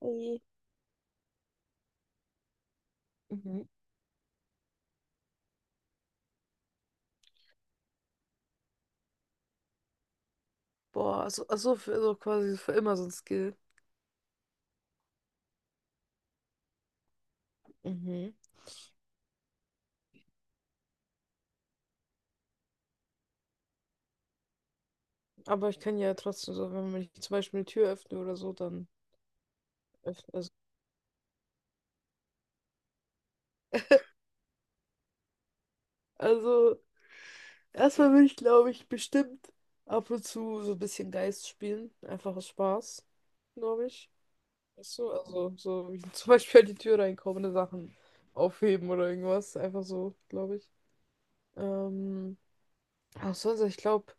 Ui. Mhm. Boah, also für, also quasi für immer so ein Skill. Mhm. Aber ich kann ja trotzdem so, wenn ich zum Beispiel eine Tür öffne oder so, dann öffne. Also erstmal will ich, glaube ich, bestimmt ab und zu so ein bisschen Geist spielen. Einfach aus Spaß, glaube ich. Weißt du, also so wie zum Beispiel an die Tür reinkommende Sachen aufheben oder irgendwas. Einfach so, glaube ich. Ähm. Auch sonst, ich glaube,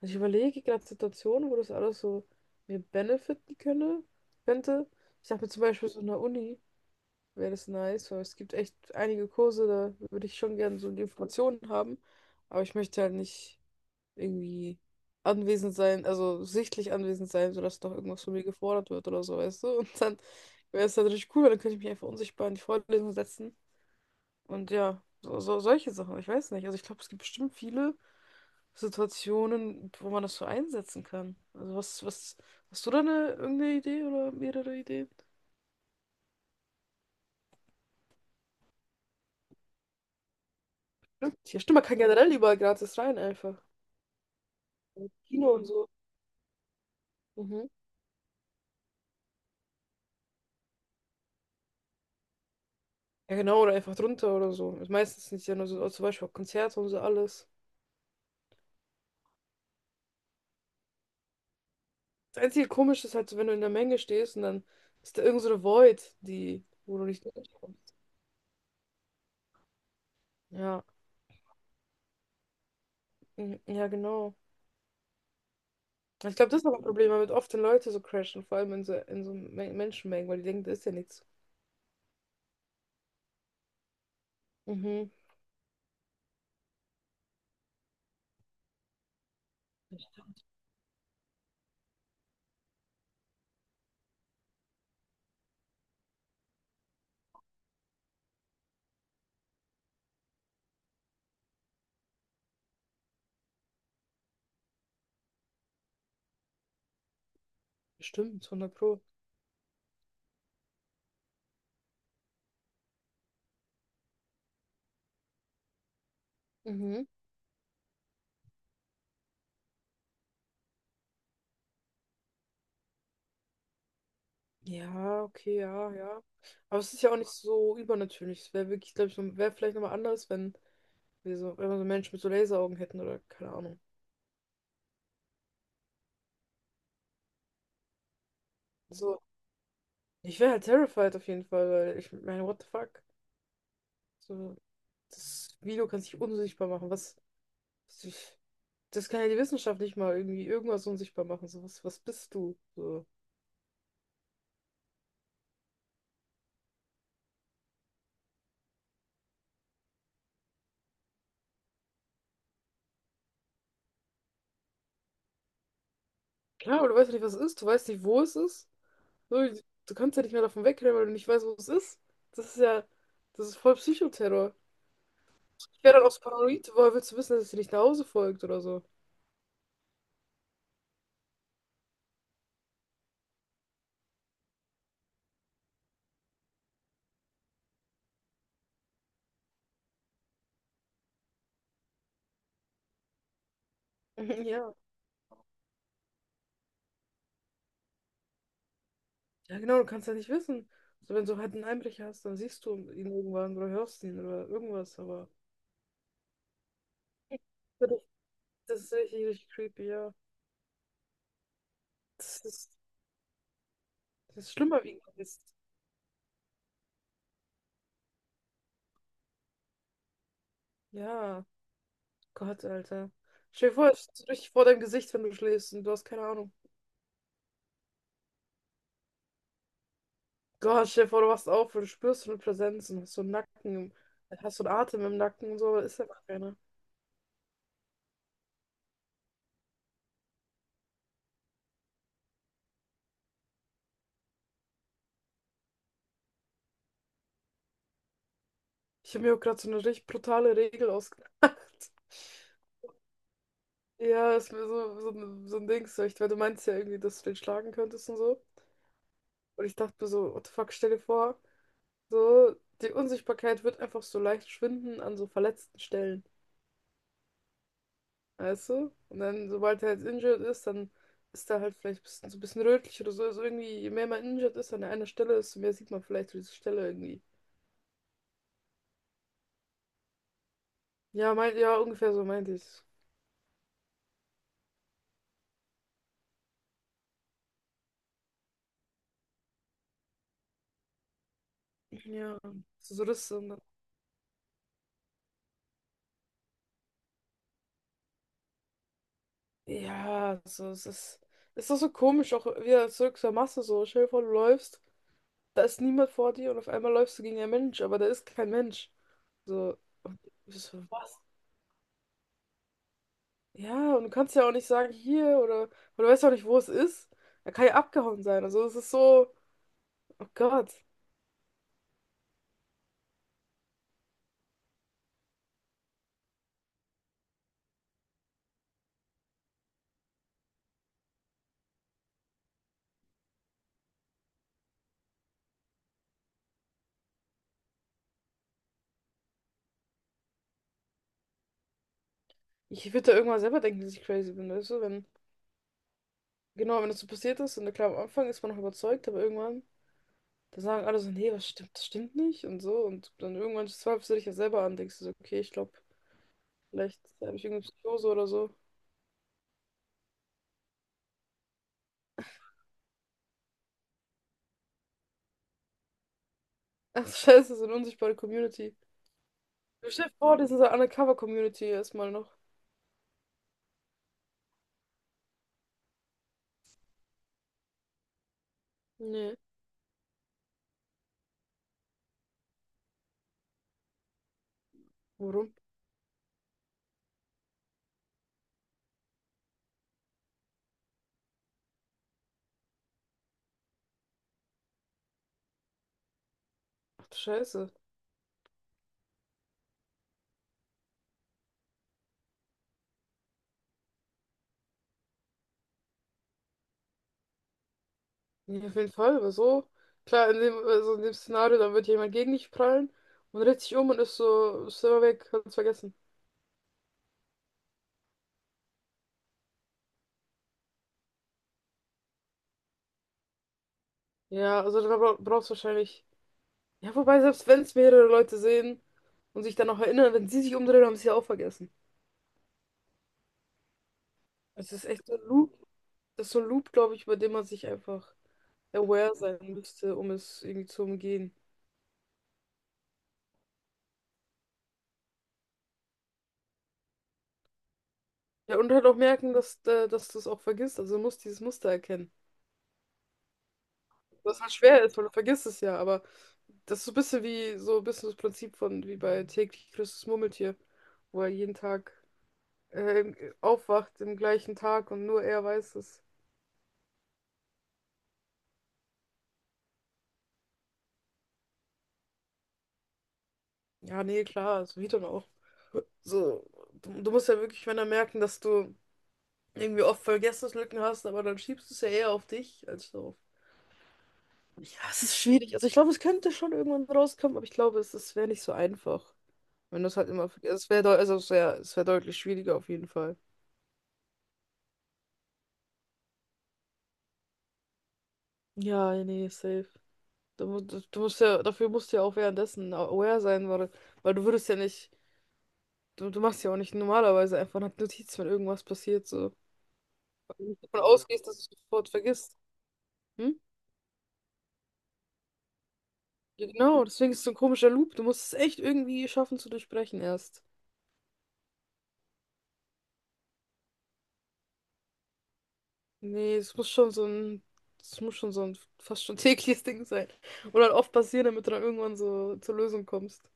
also ich überlege gerade Situationen, wo das alles so mir benefiten könnte. Ich dachte mir zum Beispiel so in der Uni wäre das nice, weil es gibt echt einige Kurse, da würde ich schon gerne so die Informationen haben, aber ich möchte halt nicht irgendwie anwesend sein, also sichtlich anwesend sein, sodass doch irgendwas von mir gefordert wird oder so, weißt du? Und dann wäre es natürlich cool, weil dann könnte ich mich einfach unsichtbar in die Vorlesung setzen und ja, so, so solche Sachen, ich weiß nicht. Also ich glaube, es gibt bestimmt viele. Situationen, wo man das so einsetzen kann. Also hast du da eine irgendeine Idee oder mehrere Ideen? Ja, stimmt, man kann generell überall gratis rein einfach. Kino und so. Mhm. Ja genau, oder einfach drunter oder so. Ist meistens nicht ja nur so, zum Beispiel auch Konzerte und so alles. Das einzige Komische ist halt so, wenn du in der Menge stehst und dann ist da irgend so eine Void, die, wo du nicht durchkommst. Ja, mhm, ja genau. Ich glaube, das ist auch ein Problem, weil mit oft den Leute so crashen, vor allem in so Menschenmengen, weil die denken, da ist ja nichts. Mhm. Stimmt, hundert Pro. Mhm. Ja, okay, ja, ja. Aber es ist ja auch nicht so übernatürlich. Es wäre wirklich, glaube ich, wäre vielleicht nochmal anders, wenn wenn wir so Menschen mit so Laseraugen hätten oder keine Ahnung. So, ich wäre halt terrified auf jeden Fall, weil ich meine, what the fuck? So, das Video kann sich unsichtbar machen. Was- das kann ja die Wissenschaft nicht mal irgendwie irgendwas unsichtbar machen. So, was bist du? So. Klar, aber du weißt ja nicht, was es ist. Du weißt nicht, wo es ist. So, du kannst ja nicht mehr davon wegrennen, weil du nicht weißt, wo es ist. Das ist ja, das ist voll Psychoterror. Ich wäre dann auch so paranoid, woher willst du wissen, dass es dir nicht nach Hause folgt oder so? Mhm, ja. Ja, genau, du kannst ja nicht wissen. So, wenn du halt einen Einbrecher hast, dann siehst du ihn irgendwann oder hörst ihn oder irgendwas, aber das ist richtig, richtig creepy, ja. Das ist, das ist schlimmer wie Geist. Ja, Gott, Alter. Stell dir vor, es ist so richtig vor deinem Gesicht, wenn du schläfst und du hast keine Ahnung. Gott, stell dir vor, du wachst auf und du spürst so eine Präsenz und hast so einen hast so einen Atem im Nacken und so, aber ist einfach keiner. Ich habe mir auch gerade so eine richtig brutale Regel ausgedacht. Ja, ist mir so ein Ding, so, ich, weil du meinst ja irgendwie, dass du den schlagen könntest und so. Und ich dachte mir so, what the fuck, stell dir vor, so, die Unsichtbarkeit wird einfach so leicht schwinden an so verletzten Stellen. Weißt du? Und dann, sobald er jetzt injured ist, dann ist er halt vielleicht ein bisschen, so ein bisschen rötlich oder so. Also irgendwie, je mehr man injured ist an einer desto mehr sieht man vielleicht so diese Stelle irgendwie. Ja, ja, ungefähr so meinte ich. Ja, so, so Risse und dann. Ja, so, es ist. Es ist doch so komisch, auch wieder zurück zur Masse so. Stell dir vor, du läufst, da ist niemand vor dir und auf einmal läufst du gegen einen Mensch, aber da ist kein Mensch. So, und ich so, was? Ja, und du kannst ja auch nicht sagen, hier oder du weißt ja auch nicht, wo es ist. Er kann ja abgehauen sein. Also es ist so, oh Gott. Ich würde da irgendwann selber denken, dass ich crazy bin, weißt du? Wenn, genau, wenn das so passiert ist und klar, am Anfang ist man noch überzeugt, aber irgendwann, da sagen alle so, nee, das stimmt nicht und so. Und dann irgendwann zweifelst du dich ja selber an, denkst du so, okay, ich glaube, vielleicht habe ich irgendeine Psychose oder so. Ach, scheiße, so eine unsichtbare Community. Du stell dir vor, das ist eine Undercover-Community erstmal noch. Nee. Warum? Ach du Scheiße. Ja, auf jeden Fall, weil so, klar, in dem, also in dem Szenario, dann wird jemand gegen dich prallen und dreht sich um und ist so, ist immer weg, hat's vergessen. Ja, also da brauchst du wahrscheinlich. Ja, wobei, selbst wenn es mehrere Leute sehen und sich dann noch erinnern, wenn sie sich umdrehen, haben sie es ja auch vergessen. Es ist echt so ein das ist so ein Loop, glaube ich, über den man sich einfach aware sein müsste, um es irgendwie zu umgehen. Ja, und halt auch merken, dass du es auch vergisst. Also du musst dieses Muster erkennen. Was halt schwer ist, weil du vergisst es ja, aber das ist so ein bisschen wie so ein bisschen das Prinzip von wie bei täglich grüßt das Murmeltier, wo er jeden Tag aufwacht im gleichen Tag und nur er weiß es. Ja, nee, klar, so wie dann auch. So, du musst ja wirklich, wenn er merken, dass du irgendwie oft Vergessenslücken hast, aber dann schiebst du es ja eher auf dich als so auf. Ja, es ist schwierig. Also ich glaube, es könnte schon irgendwann rauskommen, aber ich glaube, es wäre nicht so einfach. Wenn du es halt immer vergisst. Es wäre es wäre deutlich schwieriger auf jeden Fall. Ja, nee, safe. Du, mu- du du musst ja, dafür musst du ja auch währenddessen aware sein, weil, weil du würdest ja nicht, du machst ja auch nicht normalerweise einfach eine Notiz, wenn irgendwas passiert, so. Weil du nicht davon ausgehst, dass du es sofort vergisst. Hm? Ja, genau, deswegen ist es so ein komischer Loop. Du musst es echt irgendwie schaffen zu durchbrechen erst. Nee, es muss schon so ein fast schon tägliches Ding sein. Oder halt oft passieren, damit du dann irgendwann so zur Lösung kommst.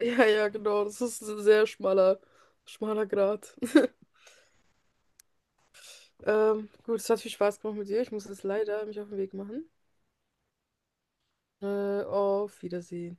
Ja, ja, genau, das ist ein sehr schmaler Grat. Gut, es hat viel Spaß gemacht mit dir. Ich muss jetzt leider mich auf den Weg machen. Auf Wiedersehen.